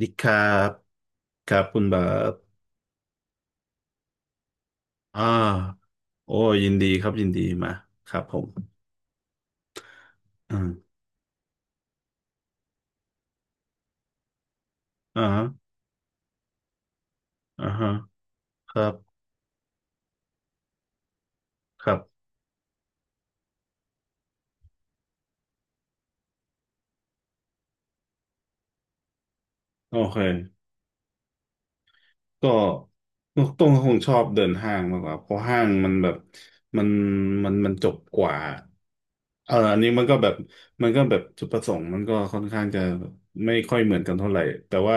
ดีครับครับคุณบาบอ่าโอ้ยินดีครับยินดีมาครับผม อืมอ่าฮะอ่าฮะครับ ครับ โอเค ก็ต้องคงชอบเดินห้างมากกว่าเพราะห้างมันแบบมันมันจบกว่าเอออันนี้มันก็แบบมันก็แบบจุดประสงค์มันก็ค่อนข้างจะไม่ค่อยเหมือนกันเท่าไหร่แต่ว่า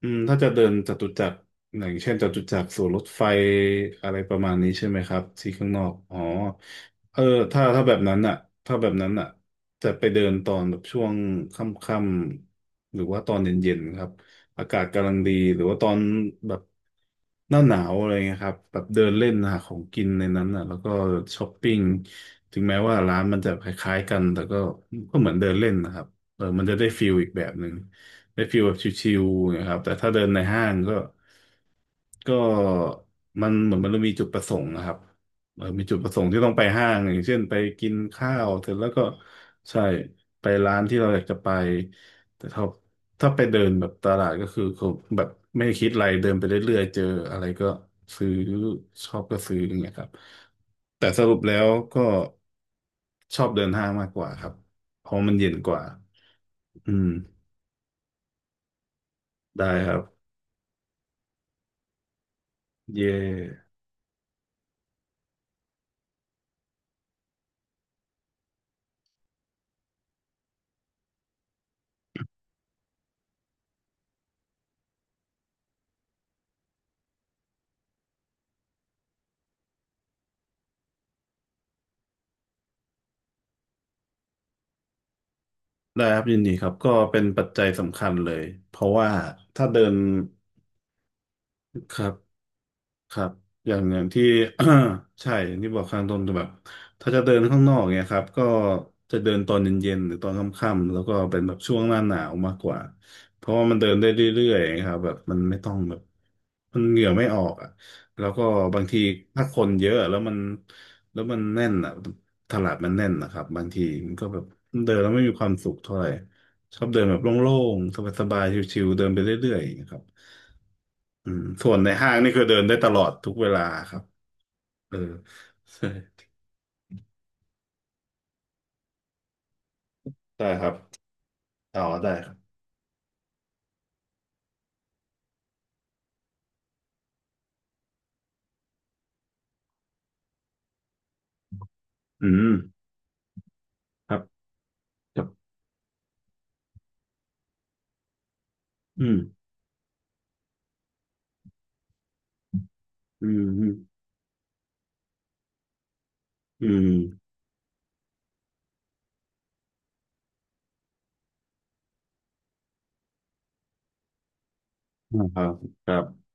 อืมถ้าจะเดินจตุจักรอย่างเช่นจตุจักรสู่รถไฟอะไรประมาณนี้ใช่ไหมครับที่ข้างนอกอ๋อเออถ้าแบบนั้นอ่ะถ้าแบบนั้นอ่ะจะไปเดินตอนแบบช่วงค่ำๆหรือว่าตอนเย็นๆครับ อากาศกำลังดีหรือว่าตอนแบบหน้าหนาวอะไรเงี้ยครับแบบเดินเล่นหาของกินในนั้นอ่ะแล้วก็ช้อปปิ้งถึงแม้ว่าร้านมันจะคล้ายๆกันแต่ก็ก็เหมือนเดินเล่นนะครับเออมันจะได้ฟิลอีกแบบหนึ่งได้ฟิลแบบชิลๆนะครับแต่ถ้าเดินในห้างก็ก็มันเหมือนมันมีจุดประสงค์นะครับ เออมีจุดประสงค์ที่ต้องไปห้างอย่างเช่นไปกินข้าวเสร็จแล้วก็ใช่ไปร้านที่เราอยากจะไปแต่ถ้าถ้าไปเดินแบบตลาดก็คือเขาแบบไม่คิดอะไรเดินไปเรื่อยๆเจออะไรก็ซื้อชอบก็ซื้ออย่างเงี้ยครับแต่สรุปแล้วก็ชอบเดินห้างมากกว่าครับเพราะมันเย็นกว่าอืมได้ครับเย่ได้ครับยินดีครับก็เป็นปัจจัยสำคัญเลยเพราะว่าถ้าเดินครับ ครับอย่างที่ ใช่อย่างที่บอกข้างต้นจะแบบถ้าจะเดินข้างนอกเนี่ยครับก็จะเดินตอนเย็นๆหรือตอนค่ำๆแล้วก็เป็นแบบช่วงหน้าหนาวมากกว่าเพราะว่ามันเดินได้เรื่อยๆครับแบบมันไม่ต้องแบบมันเหงื่อไม่ออกอ่ะแล้วก็บางทีถ้าคนเยอะแล้วมันแน่นอ่ะตลาดมันแน่นนะครับบางทีมันก็แบบเดินแล้วไม่มีความสุขเท่าไหร่ชอบเดินแบบโล่งๆสบายๆชิวๆเดินไปเรื่อยๆอย่างเงี้ยครับ อืมส่วนในห้างนี่คือเดินได้ตลอดทุกเวลาครับเออ ใช่ได้ครับอ๋อได้ครับอืมครับครับอืมอืมอืมอืมอืมครับครับ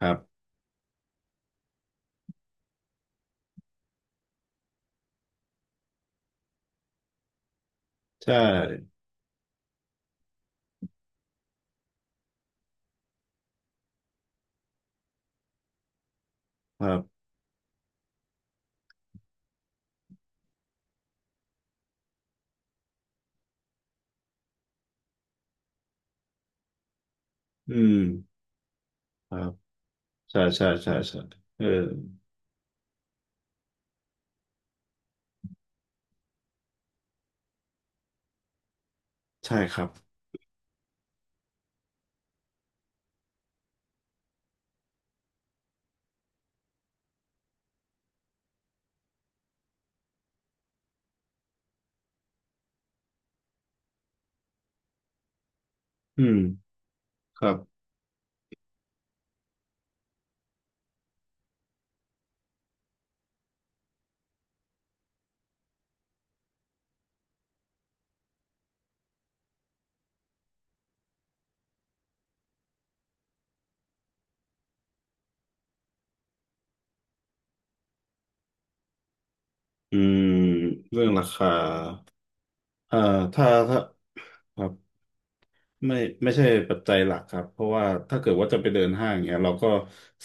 ครับใช่ครับอืมครับใช่ใช่ใช่ใช่เออใช่ครับอืมครับอืมเรื่องราคาอ่าถ้าครับ ไม่ไม่ใช่ปัจจัยหลักครับเพราะว่าถ้าเกิดว่าจะไปเดินห้างเนี้ยเราก็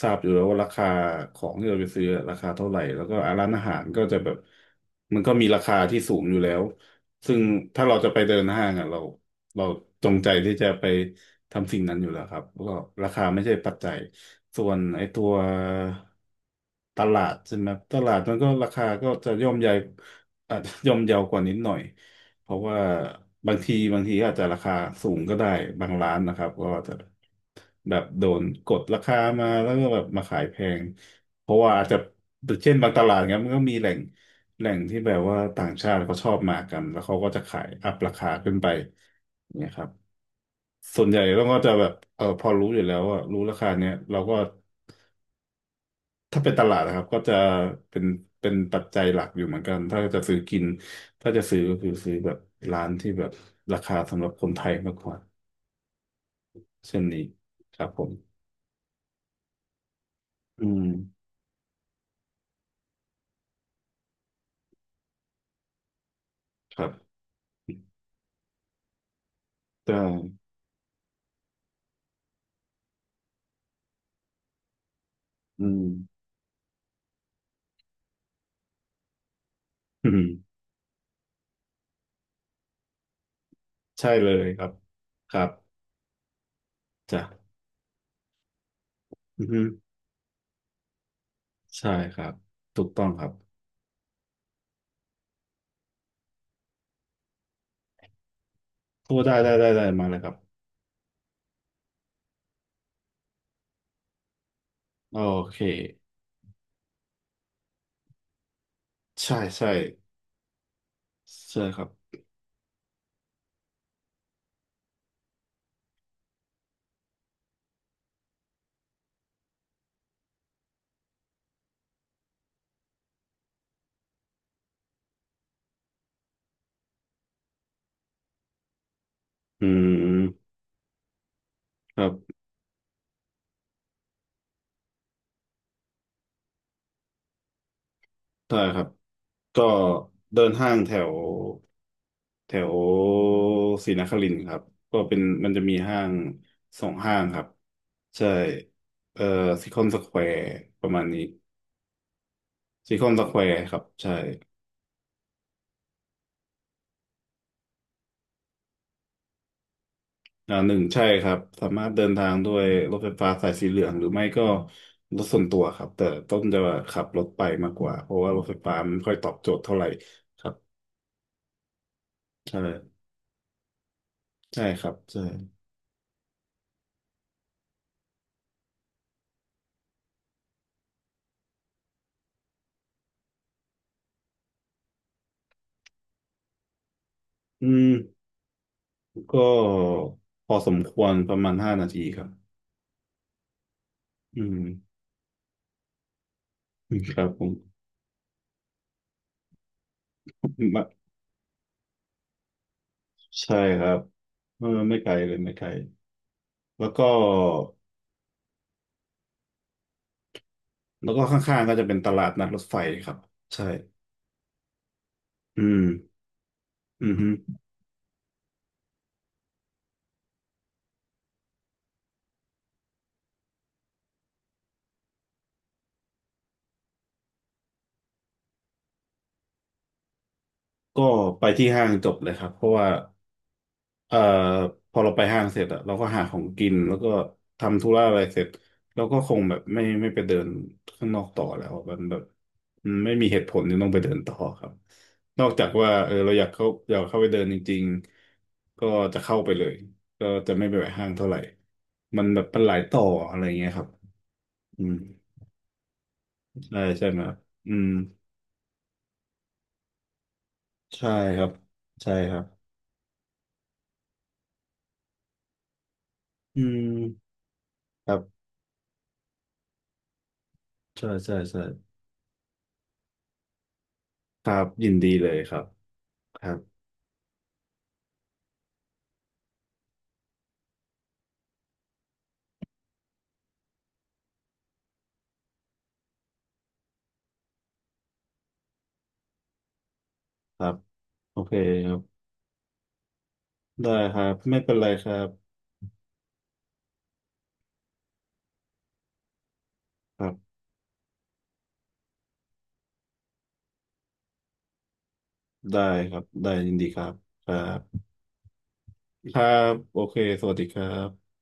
ทราบอยู่แล้วว่าราคาของที่เราไปซื้อราคาเท่าไหร่แล้วก็อะร้านอาหารก็จะแบบมันก็มีราคาที่สูงอยู่แล้วซึ่งถ้าเราจะไปเดินห้างอ่ะเราจงใจที่จะไปทำสิ่งนั้นอยู่แล้วครับแล้วก็ราคาไม่ใช่ปัจจัยส่วนไอ้ตัวตลาดใช่ไหมตลาดมันก็ราคาก็จะย่อมใหญ่อาจจะย่อมเยาวกว่านิดหน่อย เพราะว่าบางทีบางทีอาจจะราคาสูงก็ได้บางร้านนะครับก็อาจจะแบบโดนกดราคามาแล้วก็แบบมาขายแพงเพราะว่าอาจจะเช่นบางตลาดเนี้ยมันก็มีแหล่งที่แบบว่าต่างชาติเขาชอบมากันแล้วเขาก็จะขายอัพราคาขึ้นไปเนี่ยครับส่วนใหญ่เราก็จะแบบเออพอรู้อยู่แล้วว่ารู้ราคาเนี้ยเราก็ ถ้าเป็นตลาดนะครับก็จะเป็นเป็นปัจจัยหลักอยู่เหมือนกันถ้าจะซื้อกินถ้าจะซื้อก็คือซื้อแบบร้านที่แบบราคาสำหรับคนไทยมากกว่าเช่นนี้ครับผมอืมครับก็อืมอืมใช่เลยครับครับจ้ะอือฮึใช่ครับถูกต้องครับพูดได้ได้ได้ได้มาเลยครับโอเคใช่ใช่ใช่ครับอืมครับ ใช่ครับก็เดินห้างแถวแถวศรีนครินทร์ครับก็เป็นมันจะมีห้างสองห้างครับใช่เอ่อซิคอนสแควร์ประมาณนี้ซิคอนสแควร์ครับใช่อ่าหนึ่งใช่ครับสามารถเดินทางด้วยรถไฟฟ้าสายสีเหลืองหรือไม่ก็รถส่วนตัวครับแต่ต้องจะขับรถไปมากกว่าเพราะว่ารถไฟฟ้ามันไม่ค่อยตอบโจทย์เท่าไหร่ครับใช่ใช่ครับใช่อืม ก็พอสมควรประมาณ5 นาทีครับอืมครับผมไมใช่ครับเออไม่ไกลเลยไม่ไกลแล้วก็แล้วก็ข้างๆก็จะเป็นตลาดนัดรถไฟครับใช่อืมอือฮึก็ไปที่ห้างจบเลยครับเพราะว่า เอ่อพอเราไปห้างเสร็จอะเราก็หาของกินแล้วก็ทำธุระอะไรเสร็จเราก็คงแบบไม่ไปเดินข้างนอกต่อแล้วมันแบบมันไม่มีเหตุผลที่ต้องไปเดินต่อครับนอกจากว่าเออเราอยากเข้าไปเดินจริงๆก็จะเข้าไปเลยก็จะไม่ไปแวะห้างเท่าไหร่มันแบบมันหลายต่ออะไรเงี้ยครับอืมใช่ใช่ไหมครับอืมใช่ครับใช่ครับอืมครับใช่ใช่ใช่ครับยินดีเลยครับครับครับ โอเคครับได้ครับไม่เป็นไรครับครับได้ครับได้ยินดีครับครับครับโอเคสวัสดีครับ